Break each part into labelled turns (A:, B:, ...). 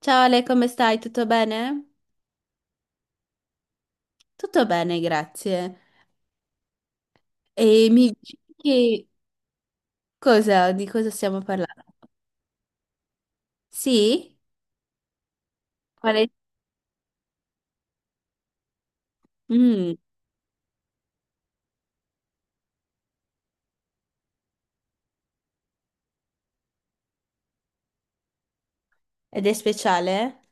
A: Ciao Ale, come stai? Tutto bene? Tutto bene, grazie. E mi dici che cosa, di cosa stiamo parlando? Sì? Qual è? Mm, ed è speciale?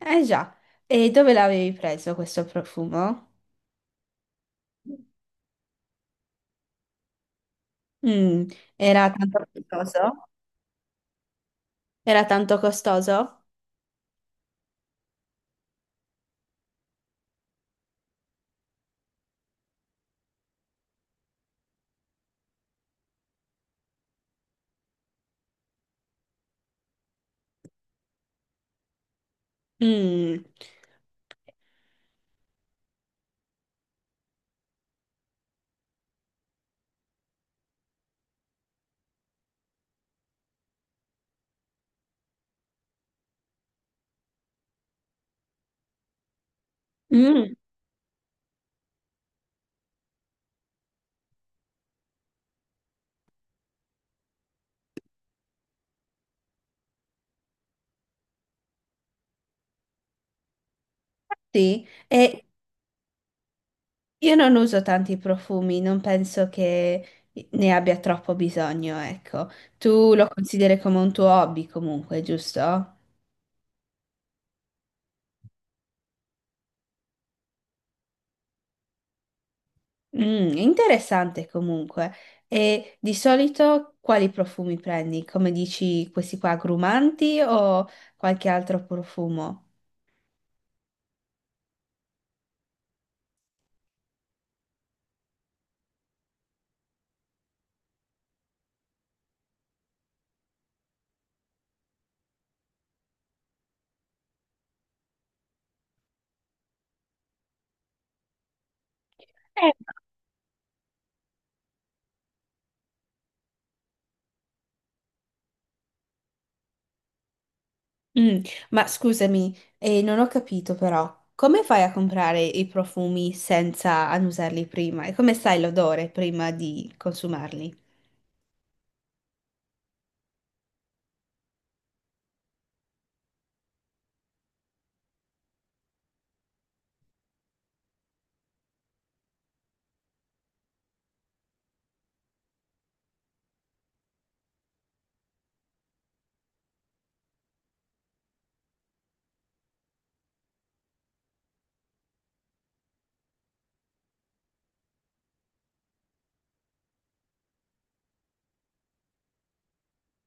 A: Eh già. E dove l'avevi preso questo profumo? Mm, era tanto costoso? Era tanto costoso? Mm. Mm, sì. E io non uso tanti profumi, non penso che ne abbia troppo bisogno, ecco. Tu lo consideri come un tuo hobby comunque, giusto? Mm, interessante comunque. E di solito quali profumi prendi? Come dici, questi qua agrumanti o qualche altro profumo? Eh, Mm, ma scusami, non ho capito però, come fai a comprare i profumi senza annusarli prima? E come sai l'odore prima di consumarli?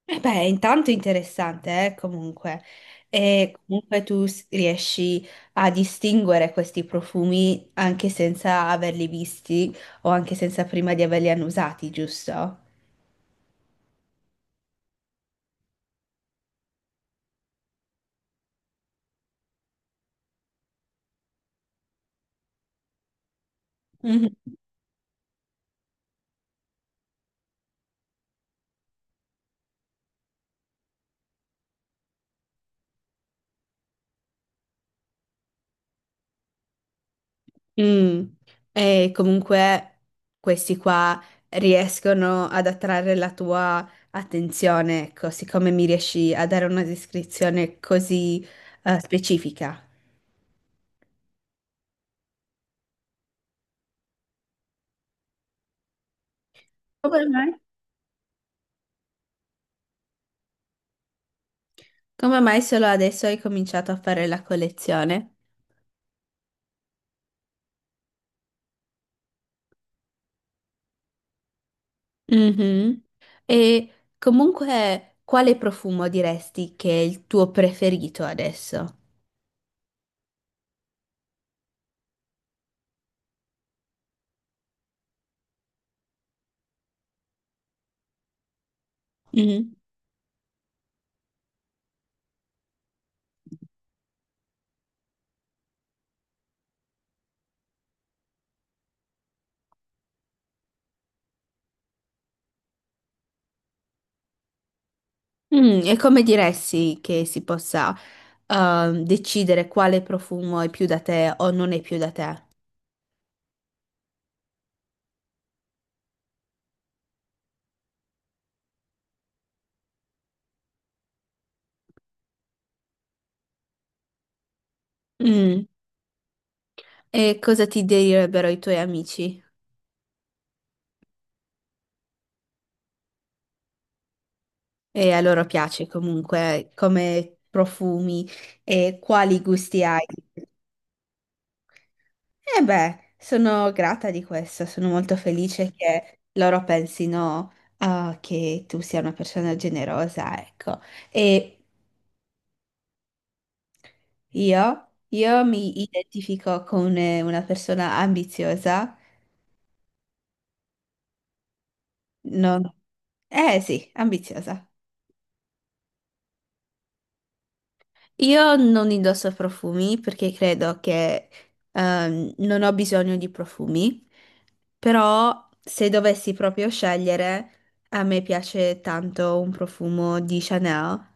A: Eh beh, intanto è interessante, comunque. E comunque tu s- riesci a distinguere questi profumi anche senza averli visti o anche senza prima di averli annusati, giusto? Mhm. Mm. E comunque questi qua riescono ad attrarre la tua attenzione, ecco, siccome mi riesci a dare una descrizione così, specifica. Come mai? Come mai solo adesso hai cominciato a fare la collezione? Mhm. E comunque, quale profumo diresti che è il tuo preferito adesso? Mhm. Mm, e come diresti che si possa decidere quale profumo è più da te o non è più da te? Mm. E cosa ti direbbero i tuoi amici? E a loro piace comunque come profumi e quali gusti hai? E beh, sono grata di questo, sono molto felice che loro pensino, ah, che tu sia una persona generosa, ecco. E io mi identifico con una persona ambiziosa, non... Eh sì, ambiziosa. Io non indosso profumi perché credo che non ho bisogno di profumi, però se dovessi proprio scegliere, a me piace tanto un profumo di Chanel.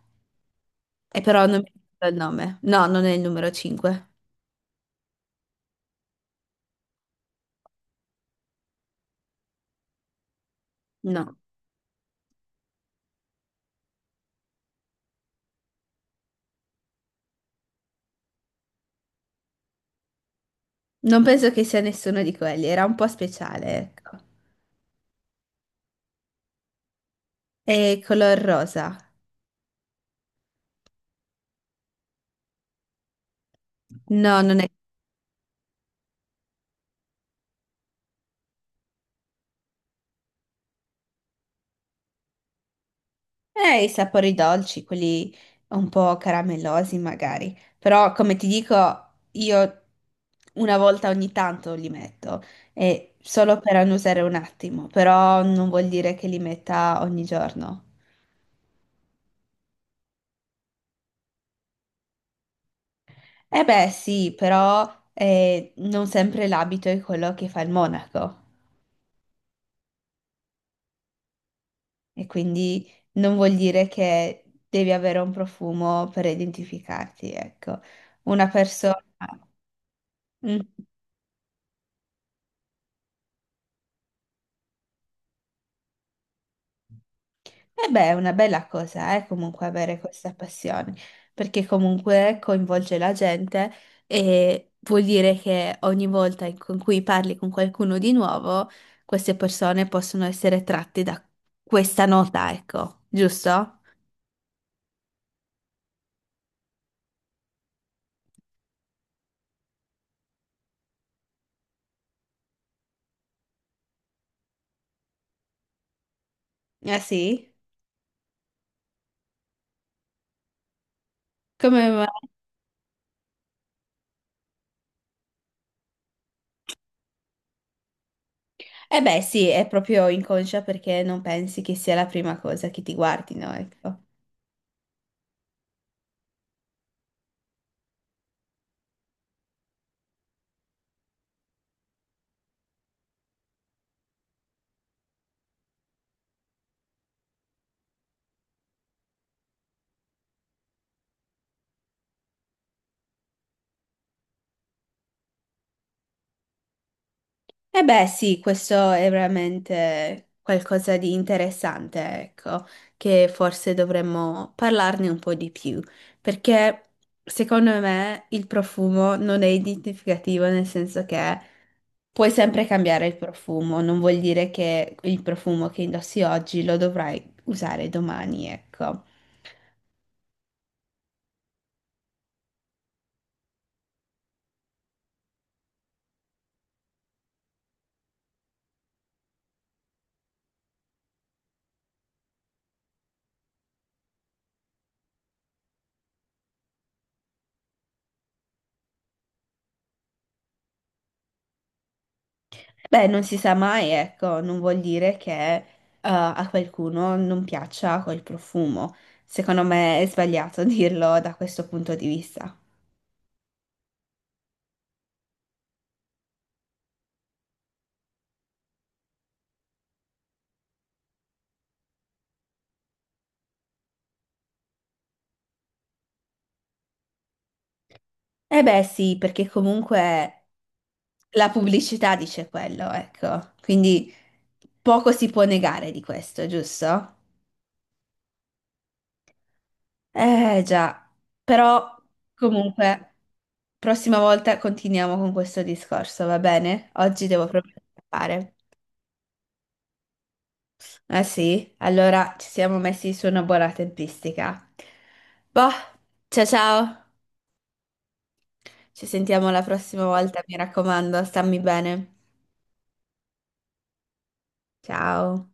A: E però non mi ricordo il nome. No, non è il numero 5. No. Non penso che sia nessuno di quelli. Era un po' speciale, ecco. E color rosa. No, non è... i sapori dolci, quelli un po' caramellosi magari. Però, come ti dico, io una volta ogni tanto li metto. E solo per annusare un attimo. Però non vuol dire che li metta ogni giorno. Eh beh, sì, però non sempre l'abito è quello che fa il monaco. E quindi non vuol dire che devi avere un profumo per identificarti, ecco. Una persona... Mm. E beh, è una bella cosa, comunque avere questa passione, perché comunque coinvolge la gente e vuol dire che ogni volta in con cui parli con qualcuno di nuovo, queste persone possono essere tratte da questa nota, ecco, giusto? Ah sì? Come eh beh, sì, è proprio inconscia perché non pensi che sia la prima cosa che ti guardino, ecco. Eh beh, sì, questo è veramente qualcosa di interessante, ecco, che forse dovremmo parlarne un po' di più, perché secondo me il profumo non è identificativo nel senso che puoi sempre cambiare il profumo, non vuol dire che il profumo che indossi oggi lo dovrai usare domani, ecco. Beh, non si sa mai, ecco, non vuol dire che a qualcuno non piaccia quel profumo. Secondo me è sbagliato dirlo da questo punto di vista. Eh beh, sì, perché comunque la pubblicità dice quello, ecco. Quindi poco si può negare di questo, giusto? Eh già, però comunque prossima volta continuiamo con questo discorso, va bene? Oggi devo proprio scappare. Ah sì, allora ci siamo messi su una buona tempistica. Boh, ciao ciao, ci sentiamo la prossima volta, mi raccomando, stammi bene. Ciao.